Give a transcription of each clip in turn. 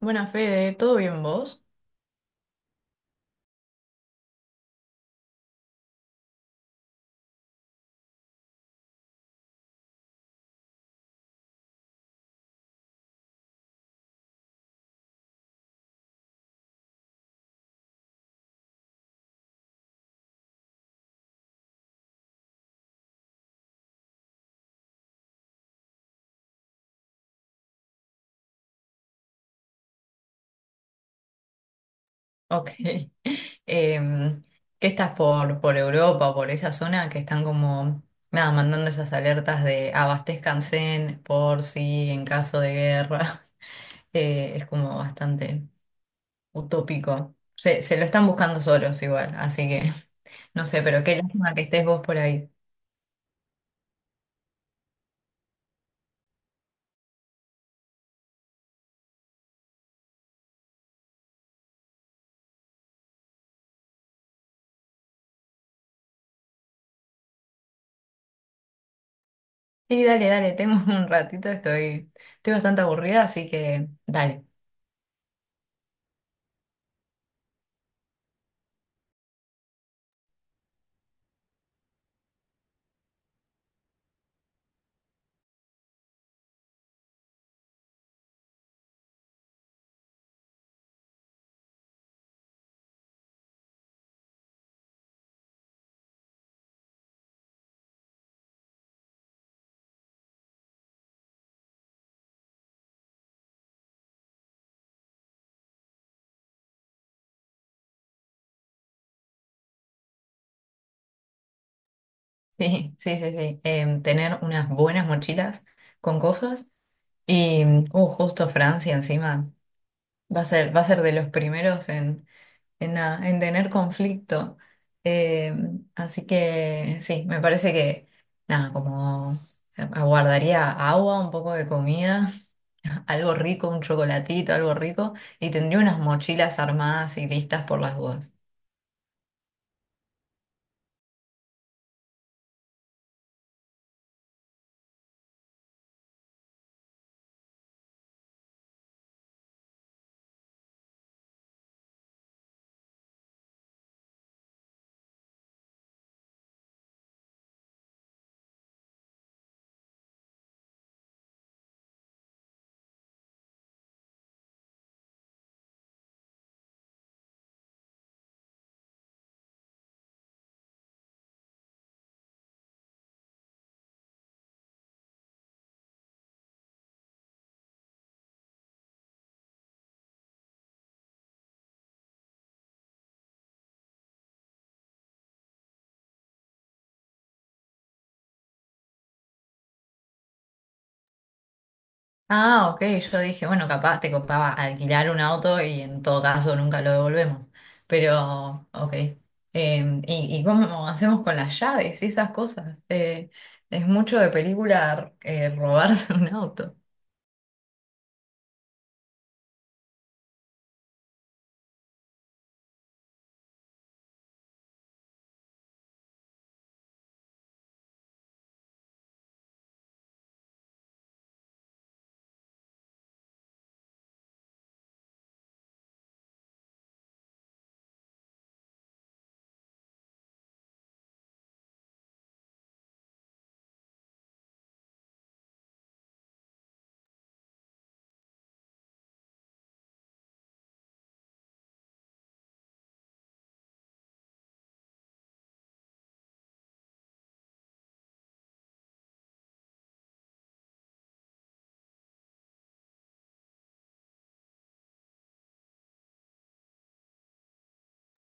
Buenas, Fede, ¿todo bien vos? Ok. Em, ¿qué estás por Europa, por esa zona que están como, nada, mandando esas alertas de abastezcanse por si en caso de guerra? Es como bastante utópico. Se lo están buscando solos igual, así que no sé, pero qué lástima que estés vos por ahí. Sí, dale, dale, tengo un ratito, estoy bastante aburrida, así que dale. Sí, sí, sí, sí. Tener unas buenas mochilas con cosas y, justo Francia encima va a ser de los primeros nada, en tener conflicto. Eh, Así que sí, me parece que nada, como aguardaría agua, un poco de comida, algo rico, un chocolatito, algo rico, y tendría unas mochilas armadas y listas por las dudas. Ah, ok, yo dije, bueno, capaz te copaba alquilar un auto y en todo caso nunca lo devolvemos. Pero, ok. Y cómo hacemos con las llaves y esas cosas? Es mucho de película robarse un auto.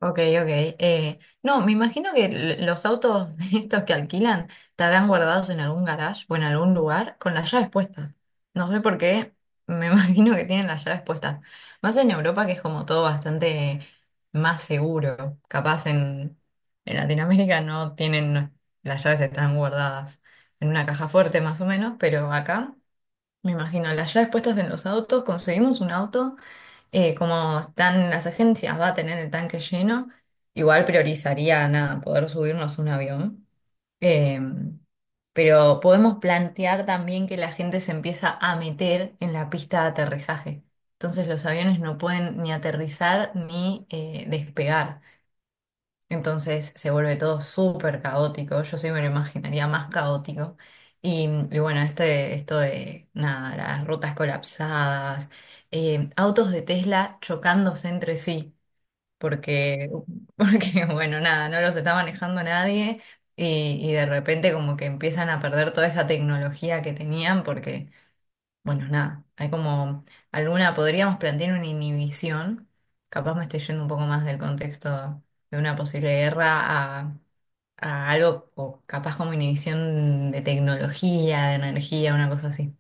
Ok, ok. No, me imagino que los autos estos que alquilan estarán guardados en algún garage o en algún lugar con las llaves puestas. No sé por qué, me imagino que tienen las llaves puestas. Más en Europa que es como todo bastante más seguro. En Latinoamérica no tienen, no- las llaves están guardadas en una caja fuerte más o menos, pero acá me imagino las llaves puestas en los autos. Conseguimos un auto. Como están las agencias, va a tener el tanque lleno. Igual priorizaría nada, poder subirnos un avión. Eh, pero podemos plantear también que la gente se empieza a meter en la pista de aterrizaje. Entonces los aviones no pueden ni aterrizar ni despegar. Entonces se vuelve todo súper caótico. Yo sí me lo imaginaría más caótico. Y, mm, y bueno, esto de nada, las rutas colapsadas, autos de Tesla chocándose entre sí, porque, porque bueno, nada, no los está manejando nadie. Y de repente como que empiezan a perder toda esa tecnología que tenían porque bueno, nada, hay como alguna, podríamos plantear una inhibición, capaz me estoy yendo un poco más del contexto de una posible guerra a algo o capaz como inhibición de tecnología, de energía, una cosa así.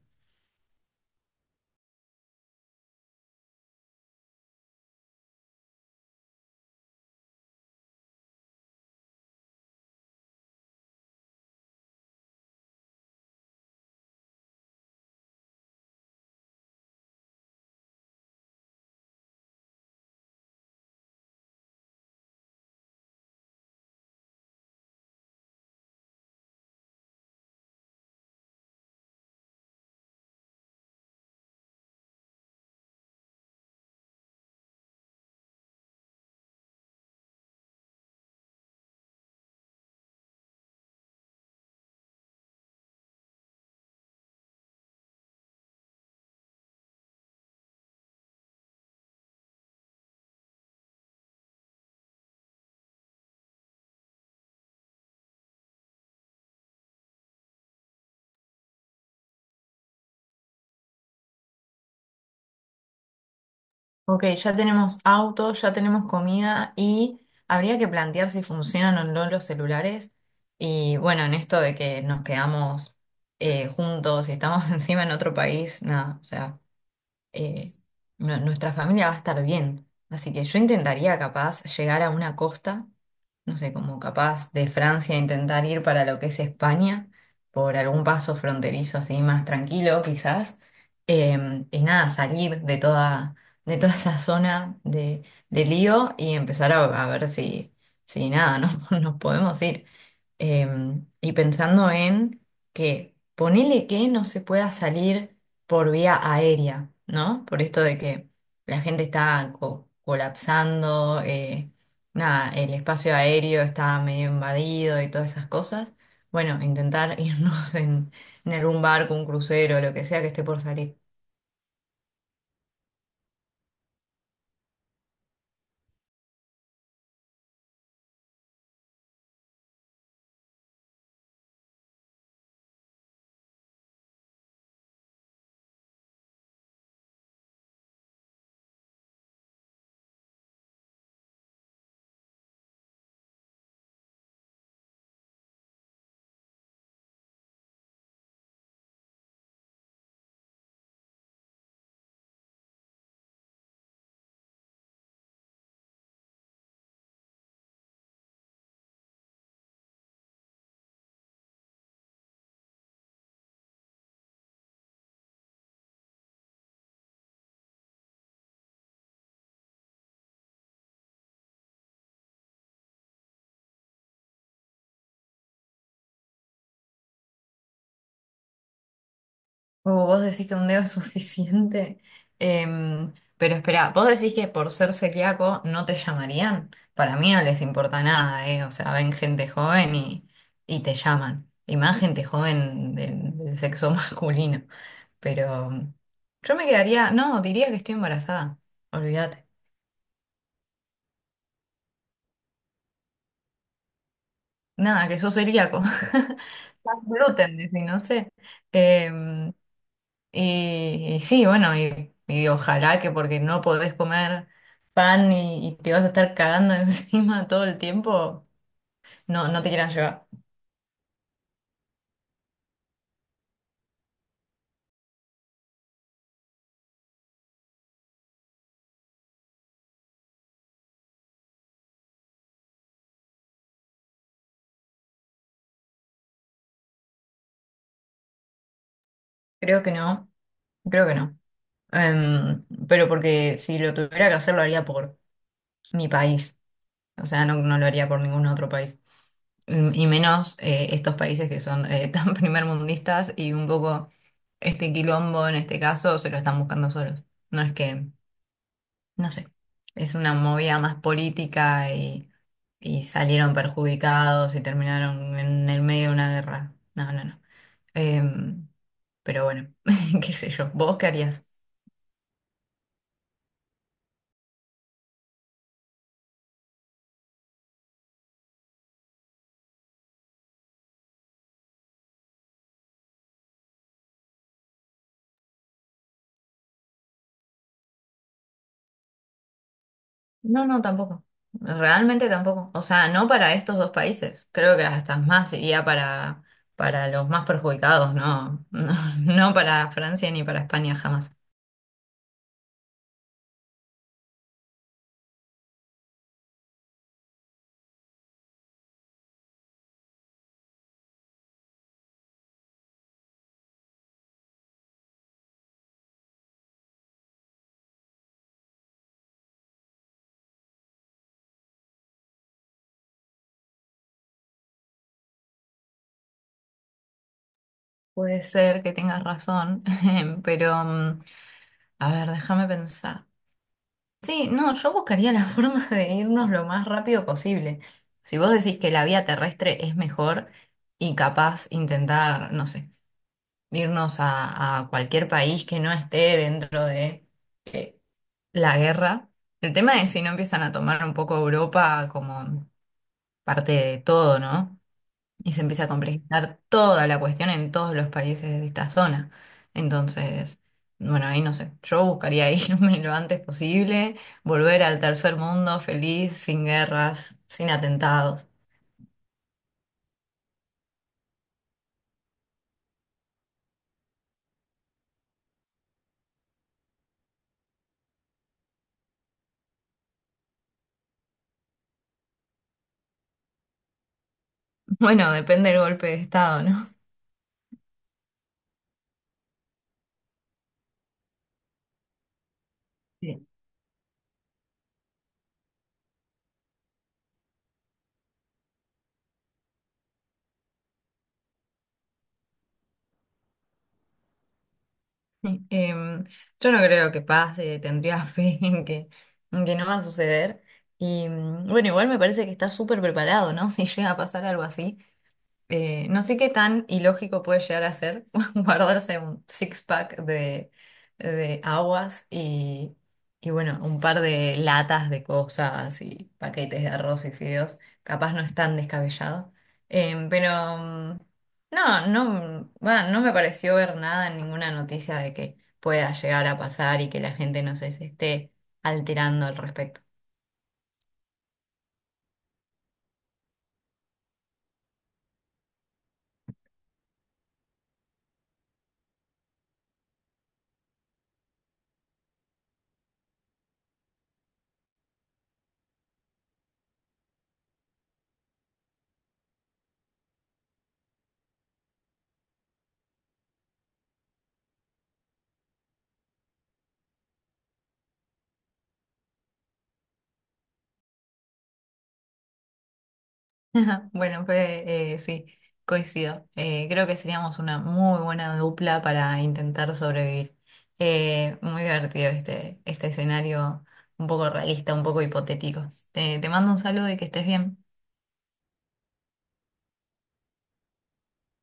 Ok, ya tenemos autos, ya tenemos comida y habría que plantear si funcionan o no los celulares. Y bueno, en esto de que nos quedamos juntos y estamos encima en otro país, nada, o sea. eh, Nuestra familia va a estar bien. Así que yo intentaría capaz llegar a una costa, no sé, como capaz de Francia intentar ir para lo que es España, por algún paso fronterizo así más tranquilo quizás. Y nada, salir de toda esa zona de lío y empezar a ver si, si nada, no, nos podemos ir. Eh, y pensando en que ponele que no se pueda salir por vía aérea, ¿no? Por esto de que la gente está colapsando, nada, el espacio aéreo estaba medio invadido y todas esas cosas. Bueno, intentar irnos en algún barco, un crucero, lo que sea que esté por salir. O vos decís que un dedo es suficiente. Pero espera, vos decís que por ser celíaco no te llamarían. Para mí no les importa nada, ¿eh? O sea, ven gente joven y te llaman. Y más gente joven del sexo masculino. Pero yo me quedaría, no, diría que estoy embarazada. Olvídate. Nada, que sos celíaco. Más gluten, dice, no sé. Eh, y sí, bueno, y ojalá que porque no podés comer pan y te vas a estar cagando encima todo el tiempo, no, no te quieran llevar. Creo que no, creo que no. Pero porque si lo tuviera que hacer, lo haría por mi país. O sea, no, no lo haría por ningún otro país. Mm, y menos estos países que son tan primermundistas y un poco este quilombo en este caso se lo están buscando solos. No es que, no sé, es una movida más política y salieron perjudicados y terminaron en el medio de una guerra. No, no, no. Em, pero bueno, qué sé yo, ¿vos qué harías? No, no, tampoco. Realmente tampoco. O sea, no para estos dos países. Creo que hasta más iría para los más perjudicados, ¿no? No, no para Francia ni para España jamás. Puede ser que tengas razón, pero mm, a ver, déjame pensar. Sí, no, yo buscaría la forma de irnos lo más rápido posible. Si vos decís que la vía terrestre es mejor y capaz intentar, no sé, irnos a cualquier país que no esté dentro de... eh, la guerra. El tema es si no empiezan a tomar un poco Europa como parte de todo, ¿no? Y se empieza a complejizar toda la cuestión en todos los países de esta zona. Entonces, bueno, ahí no sé, yo buscaría irme lo antes posible, volver al tercer mundo feliz, sin guerras, sin atentados. Bueno, depende del golpe de Estado, ¿no? Sí. Yo no creo que pase, tendría fe en que no va a suceder. Y mm, bueno, igual me parece que está súper preparado, ¿no? Si llega a pasar algo así. No sé qué tan ilógico puede llegar a ser guardarse un six-pack de aguas y, bueno, un par de latas de cosas y paquetes de arroz y fideos. Capaz no es tan descabellado. Pero mm, no, no, va, no me pareció ver nada en ninguna noticia de que pueda llegar a pasar y que la gente no se se esté alterando al respecto. Bueno, pues sí, coincido. Creo que seríamos una muy buena dupla para intentar sobrevivir. Muy divertido este escenario, un poco realista, un poco hipotético. Te mando un saludo y que estés bien.